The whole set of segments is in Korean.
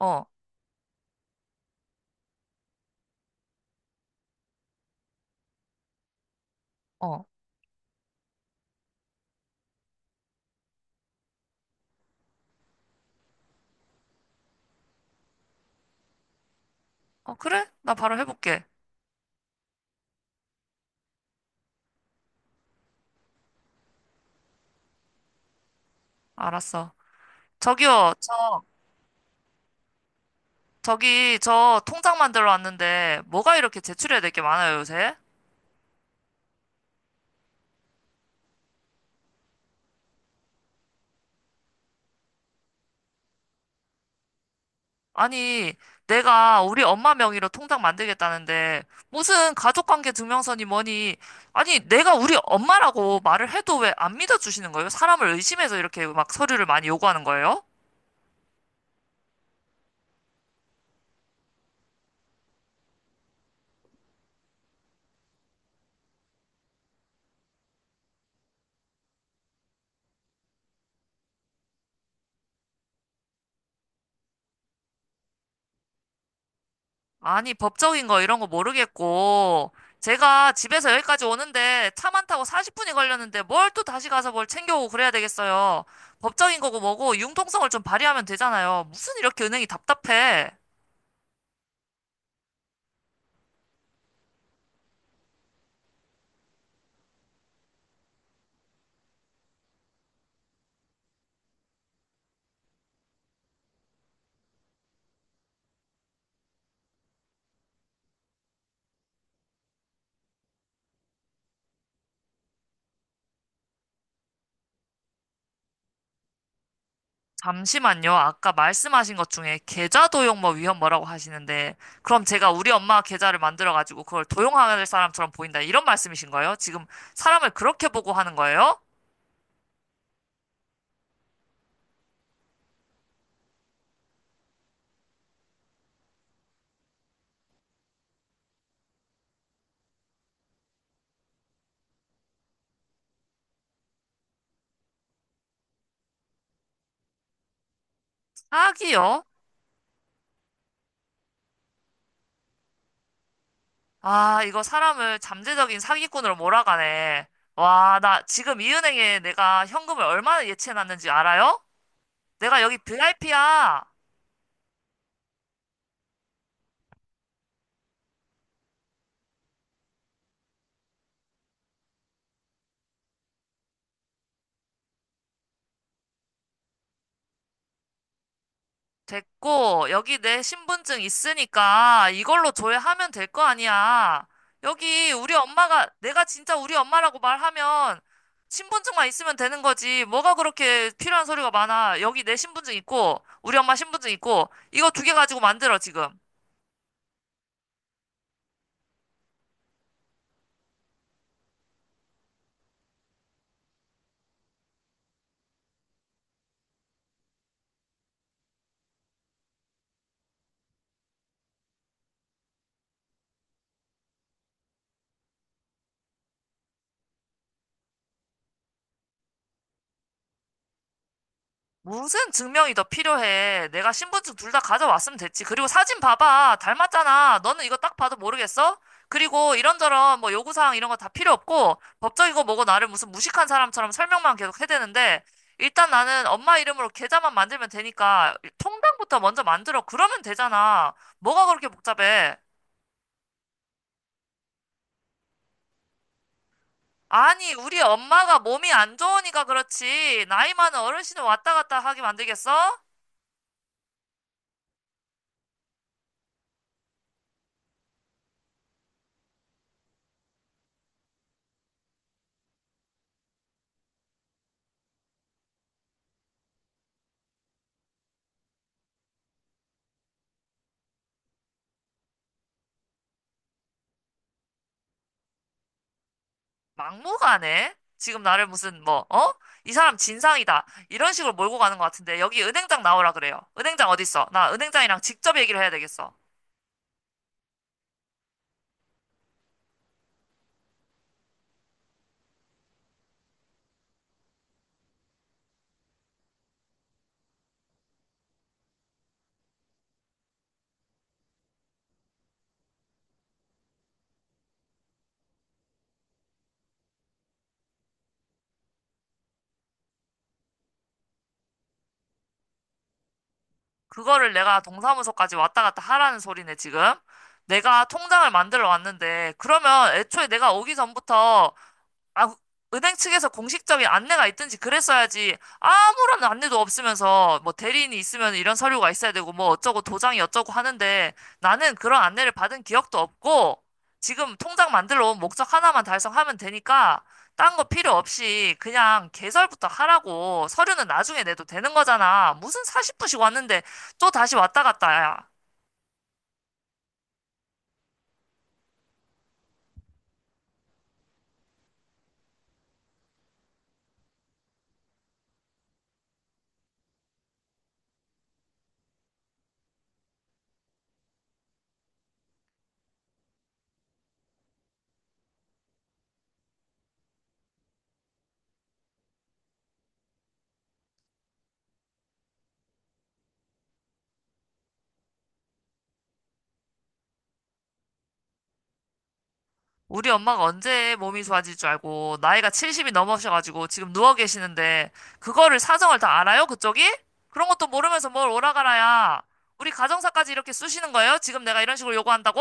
어, 어. 어, 그래? 나 바로 해볼게. 알았어. 저기요, 저, 저기, 저 통장 만들어 왔는데, 뭐가 이렇게 제출해야 될 게 많아요, 요새? 아니, 내가 우리 엄마 명의로 통장 만들겠다는데, 무슨 가족관계 증명서니 뭐니, 아니, 내가 우리 엄마라고 말을 해도 왜 안 믿어주시는 거예요? 사람을 의심해서 이렇게 막 서류를 많이 요구하는 거예요? 아니, 법적인 거 이런 거 모르겠고, 제가 집에서 여기까지 오는데 차만 타고 40분이 걸렸는데 뭘 또 다시 가서 뭘 챙겨오고 그래야 되겠어요. 법적인 거고 뭐고 융통성을 좀 발휘하면 되잖아요. 무슨 이렇게 은행이 답답해. 잠시만요. 아까 말씀하신 것 중에 계좌 도용 뭐 위험 뭐라고 하시는데, 그럼 제가 우리 엄마 계좌를 만들어가지고 그걸 도용할 사람처럼 보인다. 이런 말씀이신 거예요? 지금 사람을 그렇게 보고 하는 거예요? 사기요? 아, 이거 사람을 잠재적인 사기꾼으로 몰아가네. 와, 나 지금 이 은행에 내가 현금을 얼마나 예치해놨는지 알아요? 내가 여기 VIP야. 됐고, 여기 내 신분증 있으니까 이걸로 조회하면 될 거 아니야. 여기 우리 엄마가, 내가 진짜 우리 엄마라고 말하면 신분증만 있으면 되는 거지. 뭐가 그렇게 필요한 소리가 많아. 여기 내 신분증 있고, 우리 엄마 신분증 있고, 이거 두 개 가지고 만들어, 지금. 무슨 증명이 더 필요해? 내가 신분증 둘 다 가져왔으면 됐지. 그리고 사진 봐봐. 닮았잖아. 너는 이거 딱 봐도 모르겠어? 그리고 이런저런 뭐 요구사항 이런 거 다 필요 없고 법적이고 뭐고 나를 무슨 무식한 사람처럼 설명만 계속 해대는데 일단 나는 엄마 이름으로 계좌만 만들면 되니까 통장부터 먼저 만들어. 그러면 되잖아. 뭐가 그렇게 복잡해? 아니, 우리 엄마가 몸이 안 좋으니까 그렇지. 나이 많은 어르신을 왔다 갔다 하게 만들겠어? 막무가내? 지금 나를 무슨 뭐, 어? 이 사람 진상이다. 이런 식으로 몰고 가는 것 같은데 여기 은행장 나오라 그래요. 은행장 어디 있어? 나 은행장이랑 직접 얘기를 해야 되겠어. 그거를 내가 동사무소까지 왔다 갔다 하라는 소리네, 지금. 내가 통장을 만들어 왔는데 그러면 애초에 내가 오기 전부터 아, 은행 측에서 공식적인 안내가 있든지 그랬어야지 아무런 안내도 없으면서 뭐 대리인이 있으면 이런 서류가 있어야 되고 뭐 어쩌고 도장이 어쩌고 하는데 나는 그런 안내를 받은 기억도 없고 지금 통장 만들러 온 목적 하나만 달성하면 되니까 딴 거 필요 없이 그냥 개설부터 하라고 서류는 나중에 내도 되는 거잖아. 무슨 사십 분씩 왔는데 또 다시 왔다 갔다 야. 우리 엄마가 언제 몸이 좋아질 줄 알고 나이가 70이 넘으셔가지고 지금 누워 계시는데 그거를 사정을 다 알아요? 그쪽이? 그런 것도 모르면서 뭘 오라가라야. 우리 가정사까지 이렇게 쑤시는 거예요? 지금 내가 이런 식으로 요구한다고?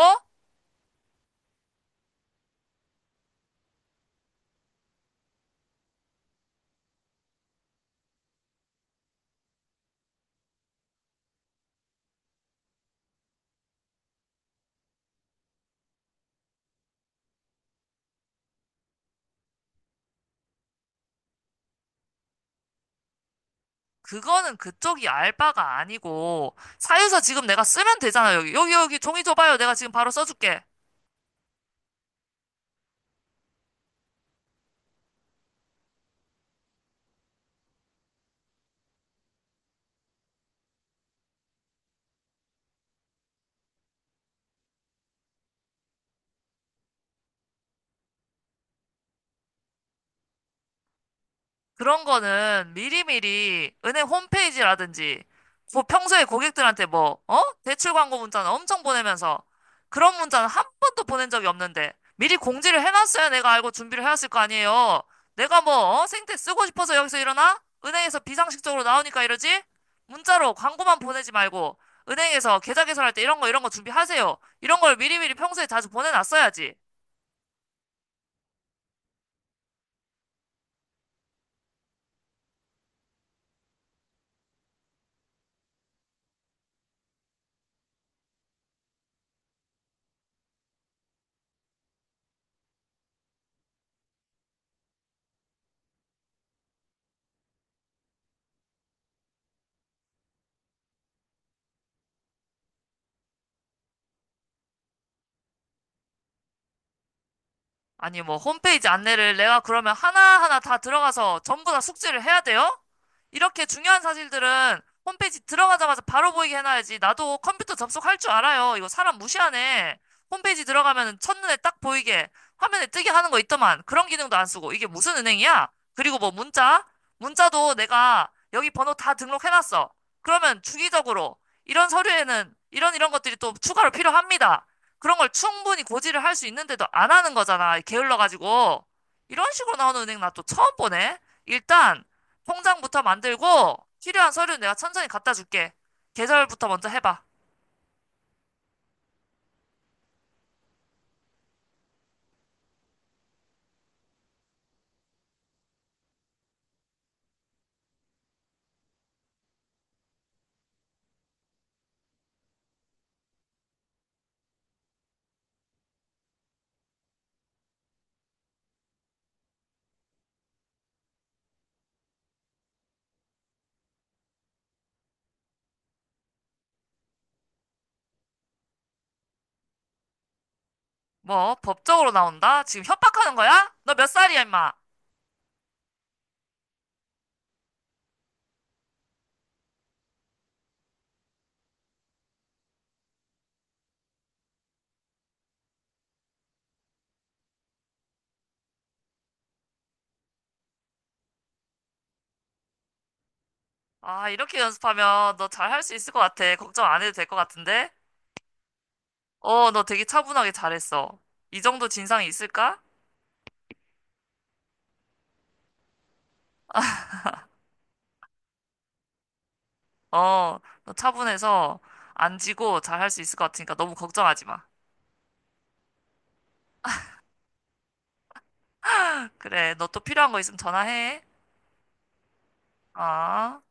그거는 그쪽이 알 바가 아니고 사유서 지금 내가 쓰면 되잖아요. 여기 여기 여기 종이 줘봐요. 내가 지금 바로 써줄게. 그런 거는 미리미리 은행 홈페이지라든지 뭐 평소에 고객들한테 뭐, 어? 대출 광고 문자는 엄청 보내면서 그런 문자는 한 번도 보낸 적이 없는데 미리 공지를 해놨어야 내가 알고 준비를 해왔을 거 아니에요. 내가 뭐, 어? 생태 쓰고 싶어서 여기서 일어나? 은행에서 비상식적으로 나오니까 이러지? 문자로 광고만 보내지 말고 은행에서 계좌 개설할 때 이런 거 이런 거 준비하세요. 이런 걸 미리미리 평소에 자주 보내놨어야지. 아니, 뭐, 홈페이지 안내를 내가 그러면 하나하나 다 들어가서 전부 다 숙지를 해야 돼요? 이렇게 중요한 사실들은 홈페이지 들어가자마자 바로 보이게 해놔야지. 나도 컴퓨터 접속할 줄 알아요. 이거 사람 무시하네. 홈페이지 들어가면 첫눈에 딱 보이게 화면에 뜨게 하는 거 있더만. 그런 기능도 안 쓰고. 이게 무슨 은행이야? 그리고 뭐 문자? 문자도 내가 여기 번호 다 등록해놨어. 그러면 주기적으로 이런 서류에는 이런 것들이 또 추가로 필요합니다. 그런 걸 충분히 고지를 할 수 있는데도 안 하는 거잖아. 게을러가지고. 이런 식으로 나오는 은행 나 또 처음 보네. 일단, 통장부터 만들고, 필요한 서류 내가 천천히 갖다 줄게. 계절부터 먼저 해봐. 뭐, 법적으로 나온다? 지금 협박하는 거야? 너 몇 살이야, 임마? 아, 이렇게 연습하면 너 잘 할 수 있을 것 같아. 걱정 안 해도 될 것 같은데? 어, 너 되게 차분하게 잘했어. 이 정도 진상이 있을까? 어, 너 차분해서 안 지고 잘 할 수 있을 것 같으니까 너무 걱정하지 마. 그래, 너 또 필요한 거 있으면 전화해. 어?